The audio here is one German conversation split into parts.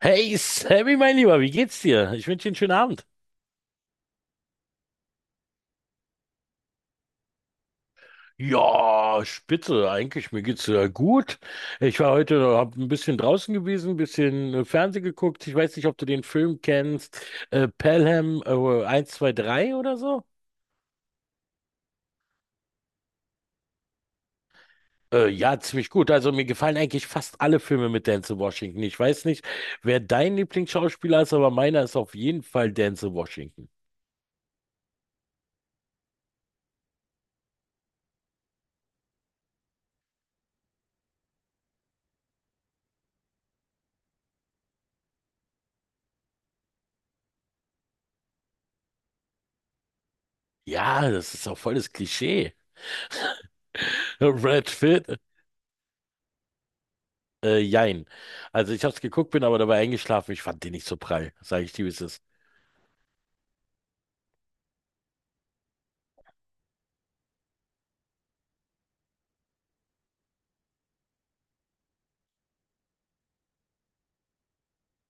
Hey Sammy, mein Lieber, wie geht's dir? Ich wünsche dir einen schönen Abend. Ja, spitze, eigentlich, mir geht's gut. Ich war heute, hab ein bisschen draußen gewesen, ein bisschen Fernsehen geguckt. Ich weiß nicht, ob du den Film kennst, Pelham 1, 2, 3 oder so. Ja, ziemlich gut. Also mir gefallen eigentlich fast alle Filme mit Denzel Washington. Ich weiß nicht, wer dein Lieblingsschauspieler ist, aber meiner ist auf jeden Fall Denzel Washington. Ja, das ist auch volles Klischee. Brad Pitt. Jein. Also ich habe es geguckt, bin aber dabei eingeschlafen. Ich fand den nicht so prall, sage ich dir, wie es ist.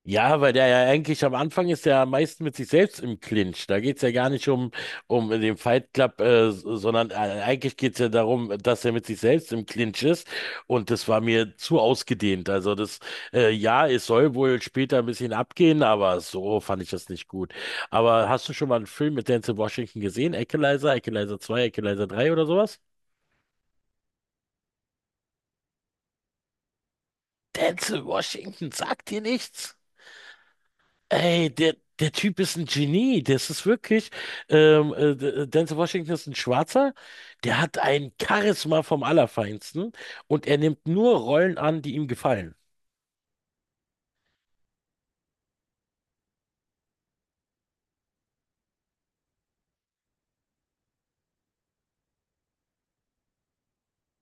Ja, weil der ja eigentlich am Anfang ist der am meisten mit sich selbst im Clinch. Da geht's ja gar nicht um den Fight Club, sondern eigentlich geht's ja darum, dass er mit sich selbst im Clinch ist. Und das war mir zu ausgedehnt. Also ja, es soll wohl später ein bisschen abgehen, aber so fand ich das nicht gut. Aber hast du schon mal einen Film mit Denzel Washington gesehen? Equalizer, Equalizer zwei, Equalizer drei oder sowas? Denzel Washington sagt dir nichts? Ey, der Typ ist ein Genie. Das ist wirklich. Denzel Washington ist ein Schwarzer. Der hat ein Charisma vom Allerfeinsten und er nimmt nur Rollen an, die ihm gefallen.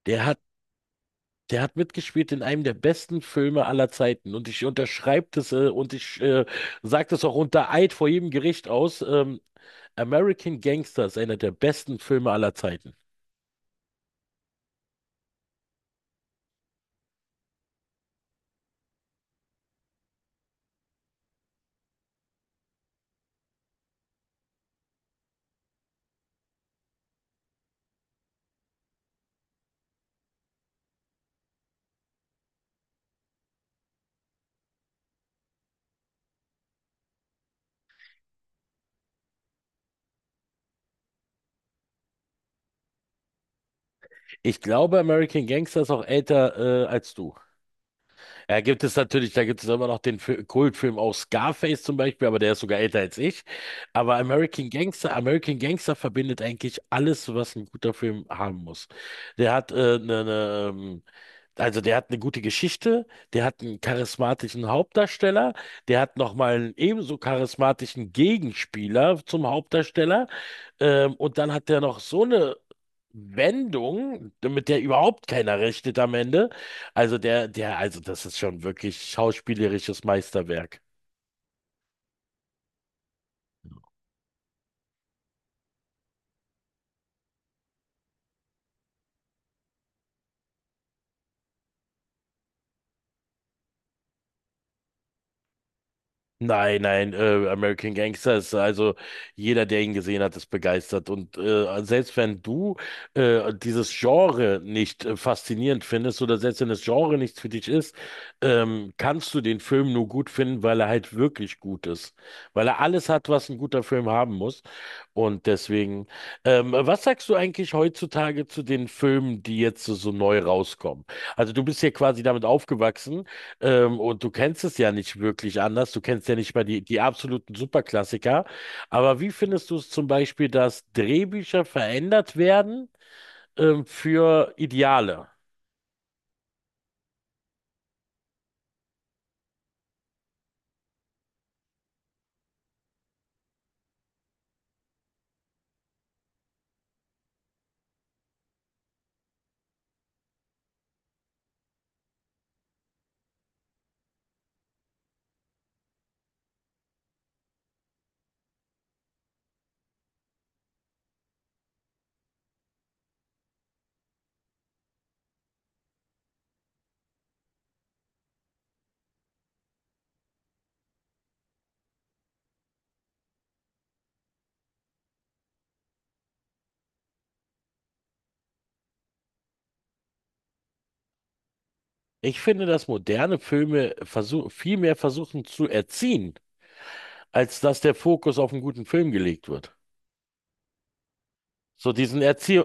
Der hat Der hat mitgespielt in einem der besten Filme aller Zeiten. Und ich unterschreibe das und ich sage das auch unter Eid vor jedem Gericht aus. American Gangster ist einer der besten Filme aller Zeiten. Ich glaube, American Gangster ist auch älter als du. Ja, gibt es natürlich, da gibt es immer noch den Kultfilm auch Scarface zum Beispiel, aber der ist sogar älter als ich. Aber American Gangster verbindet eigentlich alles, was ein guter Film haben muss. Der hat ne, ne, Also der hat eine gute Geschichte, der hat einen charismatischen Hauptdarsteller, der hat nochmal einen ebenso charismatischen Gegenspieler zum Hauptdarsteller, und dann hat der noch so eine Wendung, mit der überhaupt keiner rechnet am Ende. Also also das ist schon wirklich schauspielerisches Meisterwerk. Nein, nein, American Gangster ist also, jeder, der ihn gesehen hat, ist begeistert. Und selbst wenn du dieses Genre nicht faszinierend findest oder selbst wenn das Genre nichts für dich ist, kannst du den Film nur gut finden, weil er halt wirklich gut ist. Weil er alles hat, was ein guter Film haben muss. Und deswegen, was sagst du eigentlich heutzutage zu den Filmen, die jetzt so neu rauskommen? Also du bist ja quasi damit aufgewachsen. Und du kennst es ja nicht wirklich anders. Du kennst ja nicht mal die absoluten Superklassiker. Aber wie findest du es zum Beispiel, dass Drehbücher verändert werden, für Ideale? Ich finde, dass moderne Filme viel mehr versuchen zu erziehen, als dass der Fokus auf einen guten Film gelegt wird. So diesen Erzie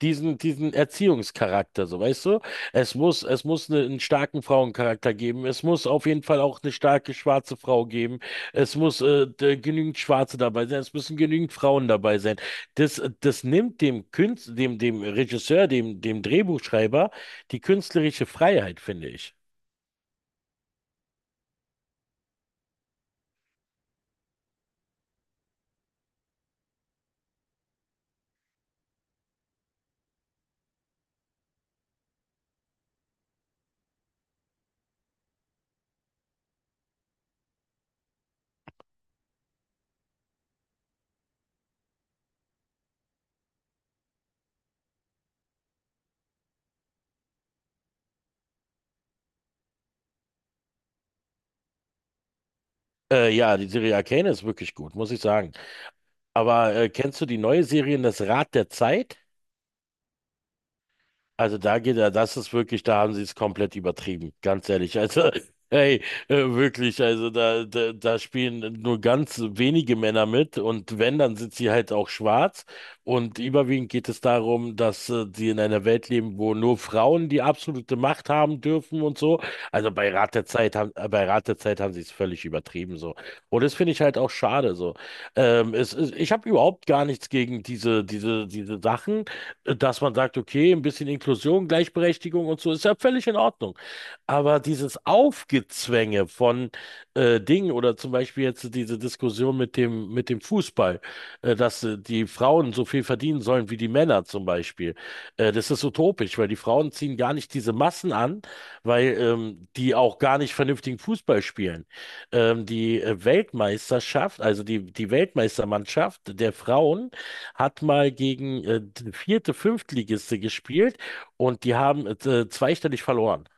diesen, diesen Erziehungscharakter, so weißt du? Es muss einen starken Frauencharakter geben. Es muss auf jeden Fall auch eine starke schwarze Frau geben. Es muss genügend Schwarze dabei sein. Es müssen genügend Frauen dabei sein. Das nimmt dem Künstler, dem Regisseur, dem Drehbuchschreiber die künstlerische Freiheit, finde ich. Ja, die Serie Arcane ist wirklich gut, muss ich sagen. Aber kennst du die neue Serie, das Rad der Zeit? Also da geht er, das ist wirklich, da haben sie es komplett übertrieben, ganz ehrlich. Also, hey, wirklich, also da spielen nur ganz wenige Männer mit, und wenn, dann sind sie halt auch schwarz. Und überwiegend geht es darum, dass sie in einer Welt leben, wo nur Frauen die absolute Macht haben dürfen und so. Also bei Rat der Zeit haben sie es völlig übertrieben so. Und das finde ich halt auch schade so. Ich habe überhaupt gar nichts gegen diese Sachen, dass man sagt, okay, ein bisschen Inklusion, Gleichberechtigung und so ist ja völlig in Ordnung. Aber dieses Aufgezwänge von Dingen, oder zum Beispiel jetzt diese Diskussion mit dem Fußball, dass die Frauen so viel verdienen sollen wie die Männer zum Beispiel, das ist utopisch, weil die Frauen ziehen gar nicht diese Massen an, weil die auch gar nicht vernünftigen Fußball spielen. Die Weltmeisterschaft, also die Weltmeistermannschaft der Frauen, hat mal gegen die vierte, Fünftligiste gespielt, und die haben zweistellig verloren.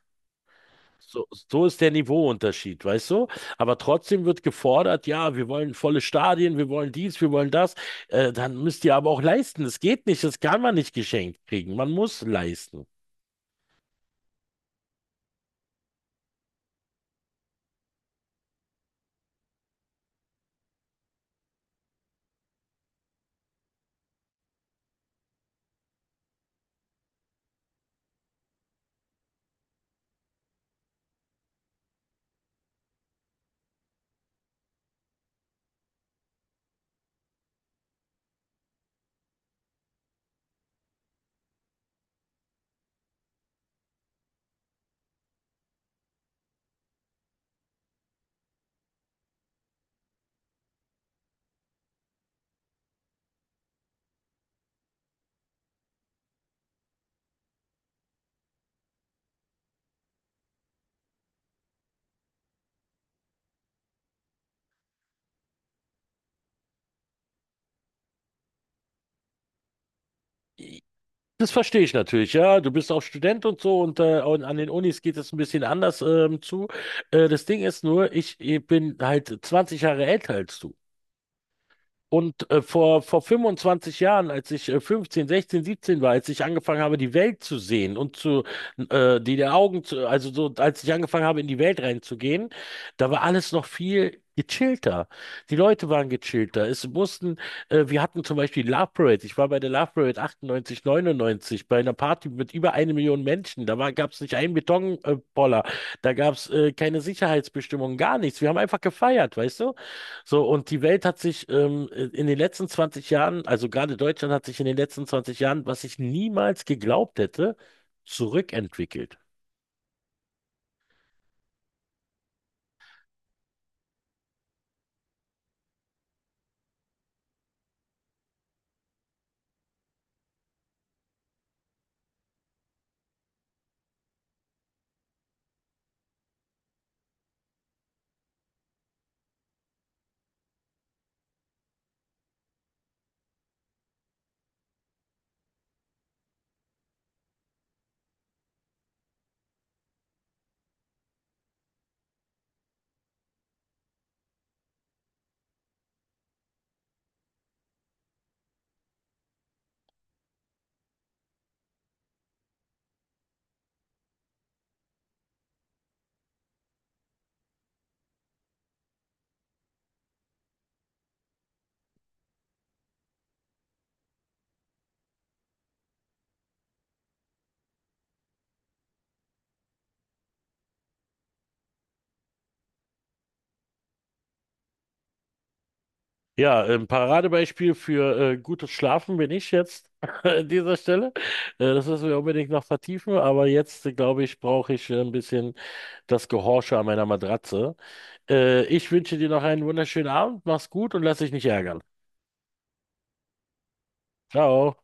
So, so ist der Niveauunterschied, weißt du? Aber trotzdem wird gefordert, ja, wir wollen volle Stadien, wir wollen dies, wir wollen das. Dann müsst ihr aber auch leisten. Das geht nicht, das kann man nicht geschenkt kriegen. Man muss leisten. Das verstehe ich natürlich, ja. Du bist auch Student und so, und an den Unis geht es ein bisschen anders zu. Das Ding ist nur, ich bin halt 20 Jahre älter als du. Und vor 25 Jahren, als ich 15, 16, 17 war, als ich angefangen habe, die Welt zu sehen und zu, die der Augen zu, also so, als ich angefangen habe, in die Welt reinzugehen, da war alles noch viel gechillter. Die Leute waren gechillter. Wir hatten zum Beispiel Love Parade. Ich war bei der Love Parade 98, 99 bei einer Party mit über eine Million Menschen. Da gab es nicht einen Betonpoller. Poller. Da gab es keine Sicherheitsbestimmungen, gar nichts. Wir haben einfach gefeiert, weißt du? So, und die Welt hat sich in den letzten 20 Jahren, also gerade Deutschland hat sich in den letzten 20 Jahren, was ich niemals geglaubt hätte, zurückentwickelt. Ja, ein Paradebeispiel für gutes Schlafen bin ich jetzt an dieser Stelle. Das müssen wir unbedingt noch vertiefen, aber jetzt, glaube ich, brauche ich ein bisschen das Gehorsche an meiner Matratze. Ich wünsche dir noch einen wunderschönen Abend, mach's gut und lass dich nicht ärgern. Ciao.